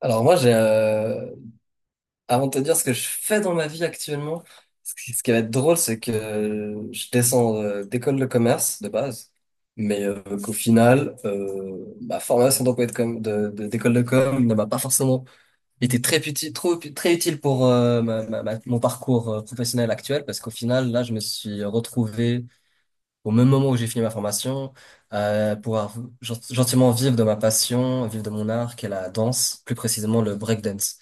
Alors moi, avant de te dire ce que je fais dans ma vie actuellement, ce qui va être drôle, c'est que je descends d'école de commerce de base, mais qu'au final, ma formation d'emploi de d'école de com ne m'a pas forcément été très utile, très utile pour mon parcours professionnel actuel, parce qu'au final, là, je me suis retrouvé au même moment où j'ai fini ma formation, pouvoir gentiment vivre de ma passion, vivre de mon art, qui est la danse, plus précisément le breakdance.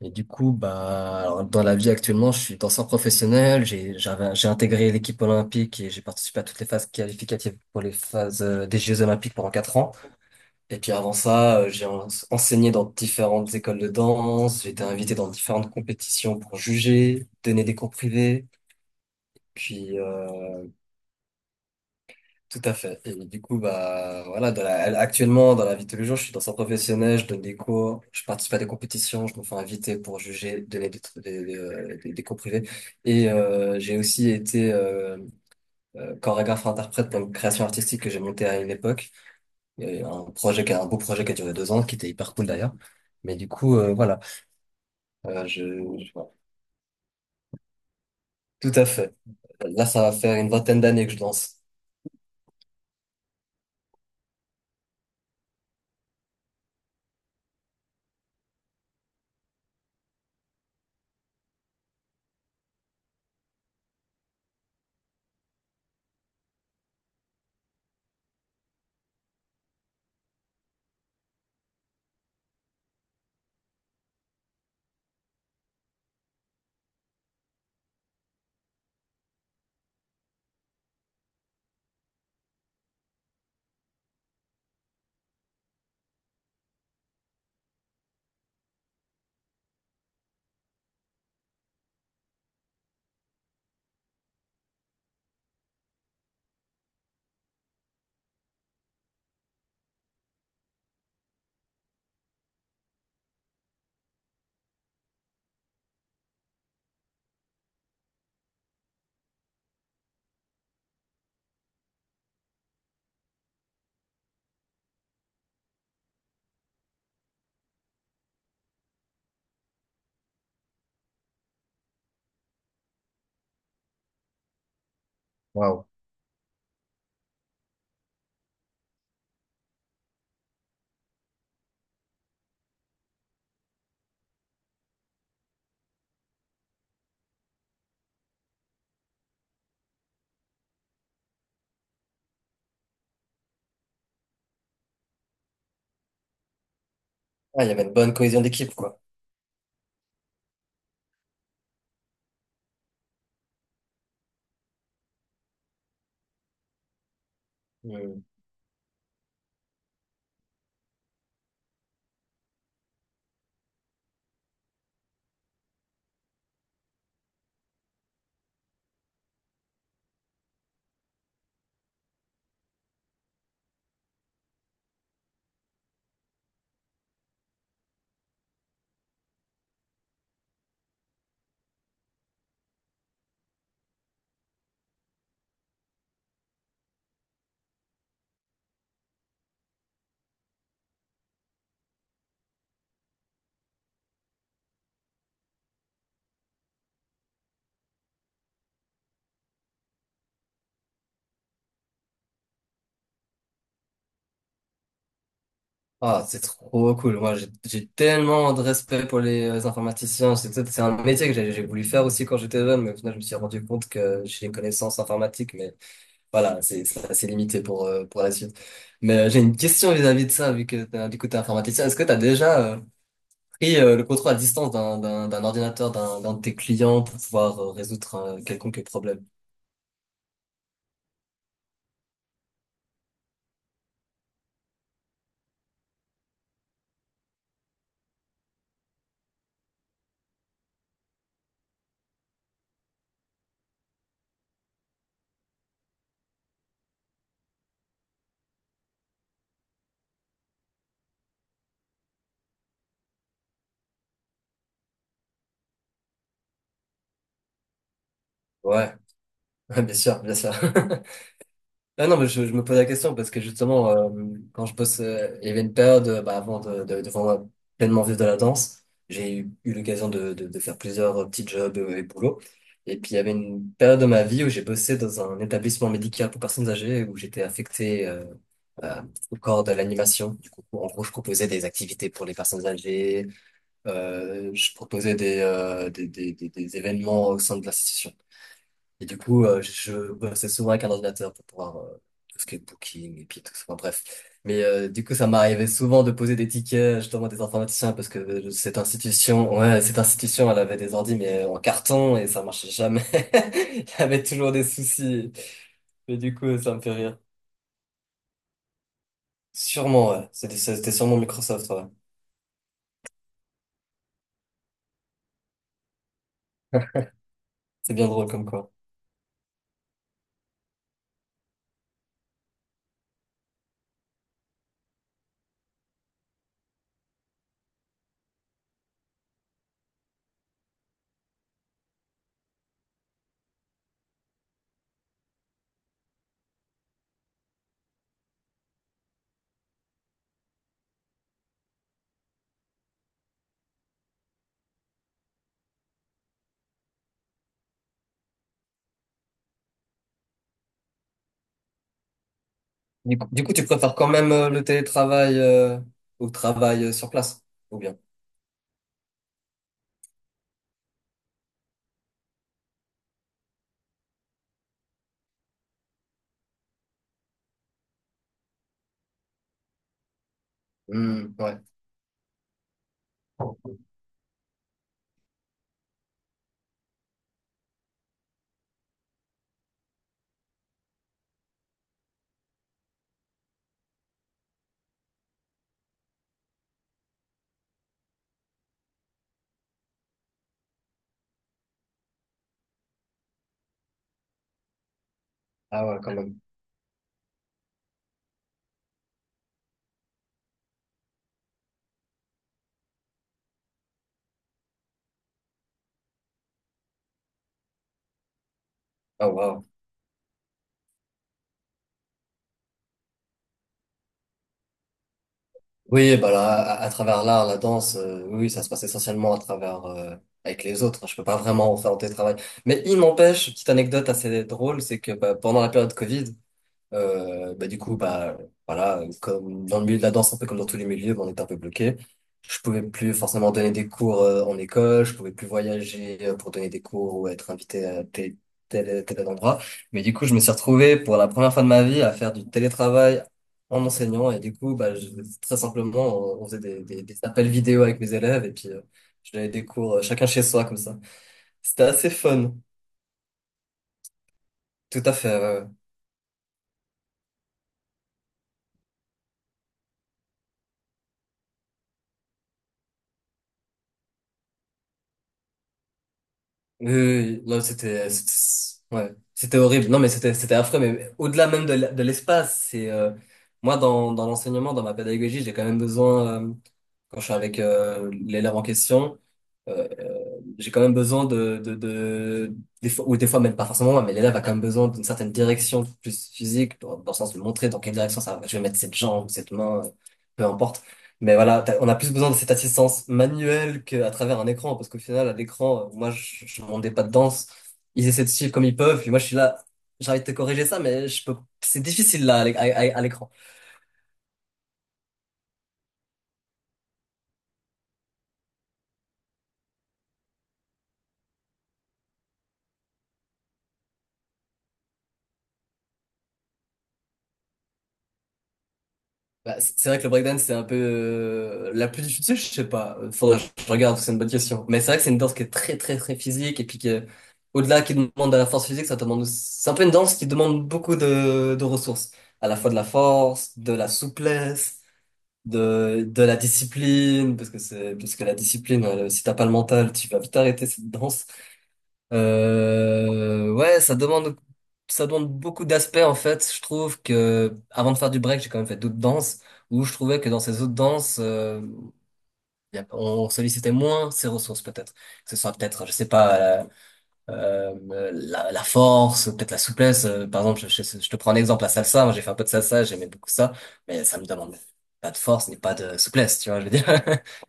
Et du coup, bah, alors, dans la vie actuellement, je suis danseur professionnel. J'ai intégré l'équipe olympique et j'ai participé à toutes les phases qualificatives pour les phases des Jeux olympiques pendant 4 ans. Et puis avant ça, j'ai enseigné dans différentes écoles de danse. J'ai été invité dans différentes compétitions pour juger, donner des cours privés. Puis Tout à fait. Et du coup, bah, voilà, actuellement, dans la vie de tous les jours, je suis danseur professionnel, je donne des cours, je participe à des compétitions, je me fais inviter pour juger, donner des, tr- des cours privés. Et j'ai aussi été chorégraphe-interprète pour une création artistique que j'ai montée à une époque. Et un beau projet qui a duré 2 ans, qui était hyper cool d'ailleurs. Mais du coup, voilà, euh, je, voilà. Tout à fait. Là, ça va faire une vingtaine d'années que je danse. Waouh. Ah, il y avait une bonne cohésion d'équipe, quoi. Ah, c'est trop cool. Moi, j'ai tellement de respect pour les informaticiens. C'est un métier que j'ai voulu faire aussi quand j'étais jeune, mais au final, je me suis rendu compte que j'ai une connaissance informatique, mais voilà, c'est assez limité pour la suite. Mais j'ai une question vis-à-vis de ça, vu que du coup, t'es informaticien. Est-ce que tu as déjà pris le contrôle à distance d'un ordinateur, d'un de tes clients pour pouvoir résoudre un quelconque problème? Ouais, bien sûr, bien sûr. Ah non, mais je me pose la question parce que justement, quand je bosse, il y avait une période bah, avant de vraiment pleinement vivre de la danse. J'ai eu l'occasion de faire plusieurs petits jobs et boulots. Et puis il y avait une période de ma vie où j'ai bossé dans un établissement médical pour personnes âgées où j'étais affecté euh, au corps de l'animation. Du coup, en gros, je proposais des activités pour les personnes âgées. Je proposais des événements au sein de l'institution. Et du coup, je bossais souvent avec un ordinateur pour pouvoir tout ce qui est booking et puis tout ça. Enfin, bref. Mais du coup, ça m'arrivait souvent de poser des tickets justement à des informaticiens parce que cette institution, elle avait des ordis mais en carton et ça marchait jamais. Il y avait toujours des soucis. Mais du coup, ça me fait rire. Sûrement, ouais. C'était sûrement Microsoft, ouais. C'est bien drôle comme quoi. Du coup, tu préfères quand même le télétravail au travail sur place, ou bien? Hmm, ouais. Ah ouais, quand même. Ah, wow. Oui, bah là, à travers l'art, la danse, oui, oui, ça se passe essentiellement à travers avec les autres, hein. Je peux pas vraiment en faire en télétravail. Mais il m'empêche, petite anecdote assez drôle, c'est que bah, pendant la période Covid, euh, bah, du coup, bah, voilà, comme dans le milieu de la danse, un peu comme dans tous les milieux, bah, on était un peu bloqué. Je pouvais plus forcément donner des cours en école, je pouvais plus voyager pour donner des cours ou être invité à tel endroit. Mais du coup, je me suis retrouvé pour la première fois de ma vie à faire du télétravail en enseignant. Et du coup, très simplement, on faisait des appels vidéo avec mes élèves et puis je donnais des cours chacun chez soi comme ça. C'était assez fun. Tout à fait. Ouais, ouais. Oui, oui, oui. non, c'était, c'était- Ouais, c'était horrible. Non, mais c'était affreux. Mais au-delà même de l'espace, c'est moi dans l'enseignement, dans ma pédagogie, j'ai quand même besoin quand je suis avec l'élève en question, euh, euh, j'ai quand même besoin de des fois, ou des fois même pas forcément moi, mais l'élève a quand même besoin d'une certaine direction plus physique, dans le sens de montrer dans quelle direction ça va. Je vais mettre cette jambe, cette main, peu importe. Mais voilà, on a plus besoin de cette assistance manuelle qu'à travers un écran, parce qu'au final, à l'écran, moi, je ne rendais pas de danse. Ils essaient de suivre comme ils peuvent, puis moi, je suis là, j'arrive de te corriger ça, mais je peux... c'est difficile là, à l'écran. Bah, c'est vrai que le breakdance, c'est un peu la plus difficile, je sais pas. Faudrait que je regarde, c'est une bonne question. Mais c'est vrai que c'est une danse qui est très, très, très physique et puis au-delà qui demande de la force physique, ça demande, c'est un peu une danse qui demande beaucoup de ressources. À la fois de la force, de la souplesse, de la discipline, parce que la discipline, si t'as pas le mental, tu vas vite arrêter cette danse. Euh, ouais, ça demande, ça demande beaucoup d'aspects en fait. Je trouve que avant de faire du break, j'ai quand même fait d'autres danses où je trouvais que dans ces autres danses, on sollicitait moins ses ressources peut-être. Que ce soit peut-être, je sais pas, la force, peut-être la souplesse. Par exemple, je te prends un exemple, la salsa. Moi, j'ai fait un peu de salsa, j'aimais beaucoup ça, mais ça me demande pas de force ni pas de souplesse, tu vois. Je veux dire,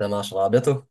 ça marchera bientôt.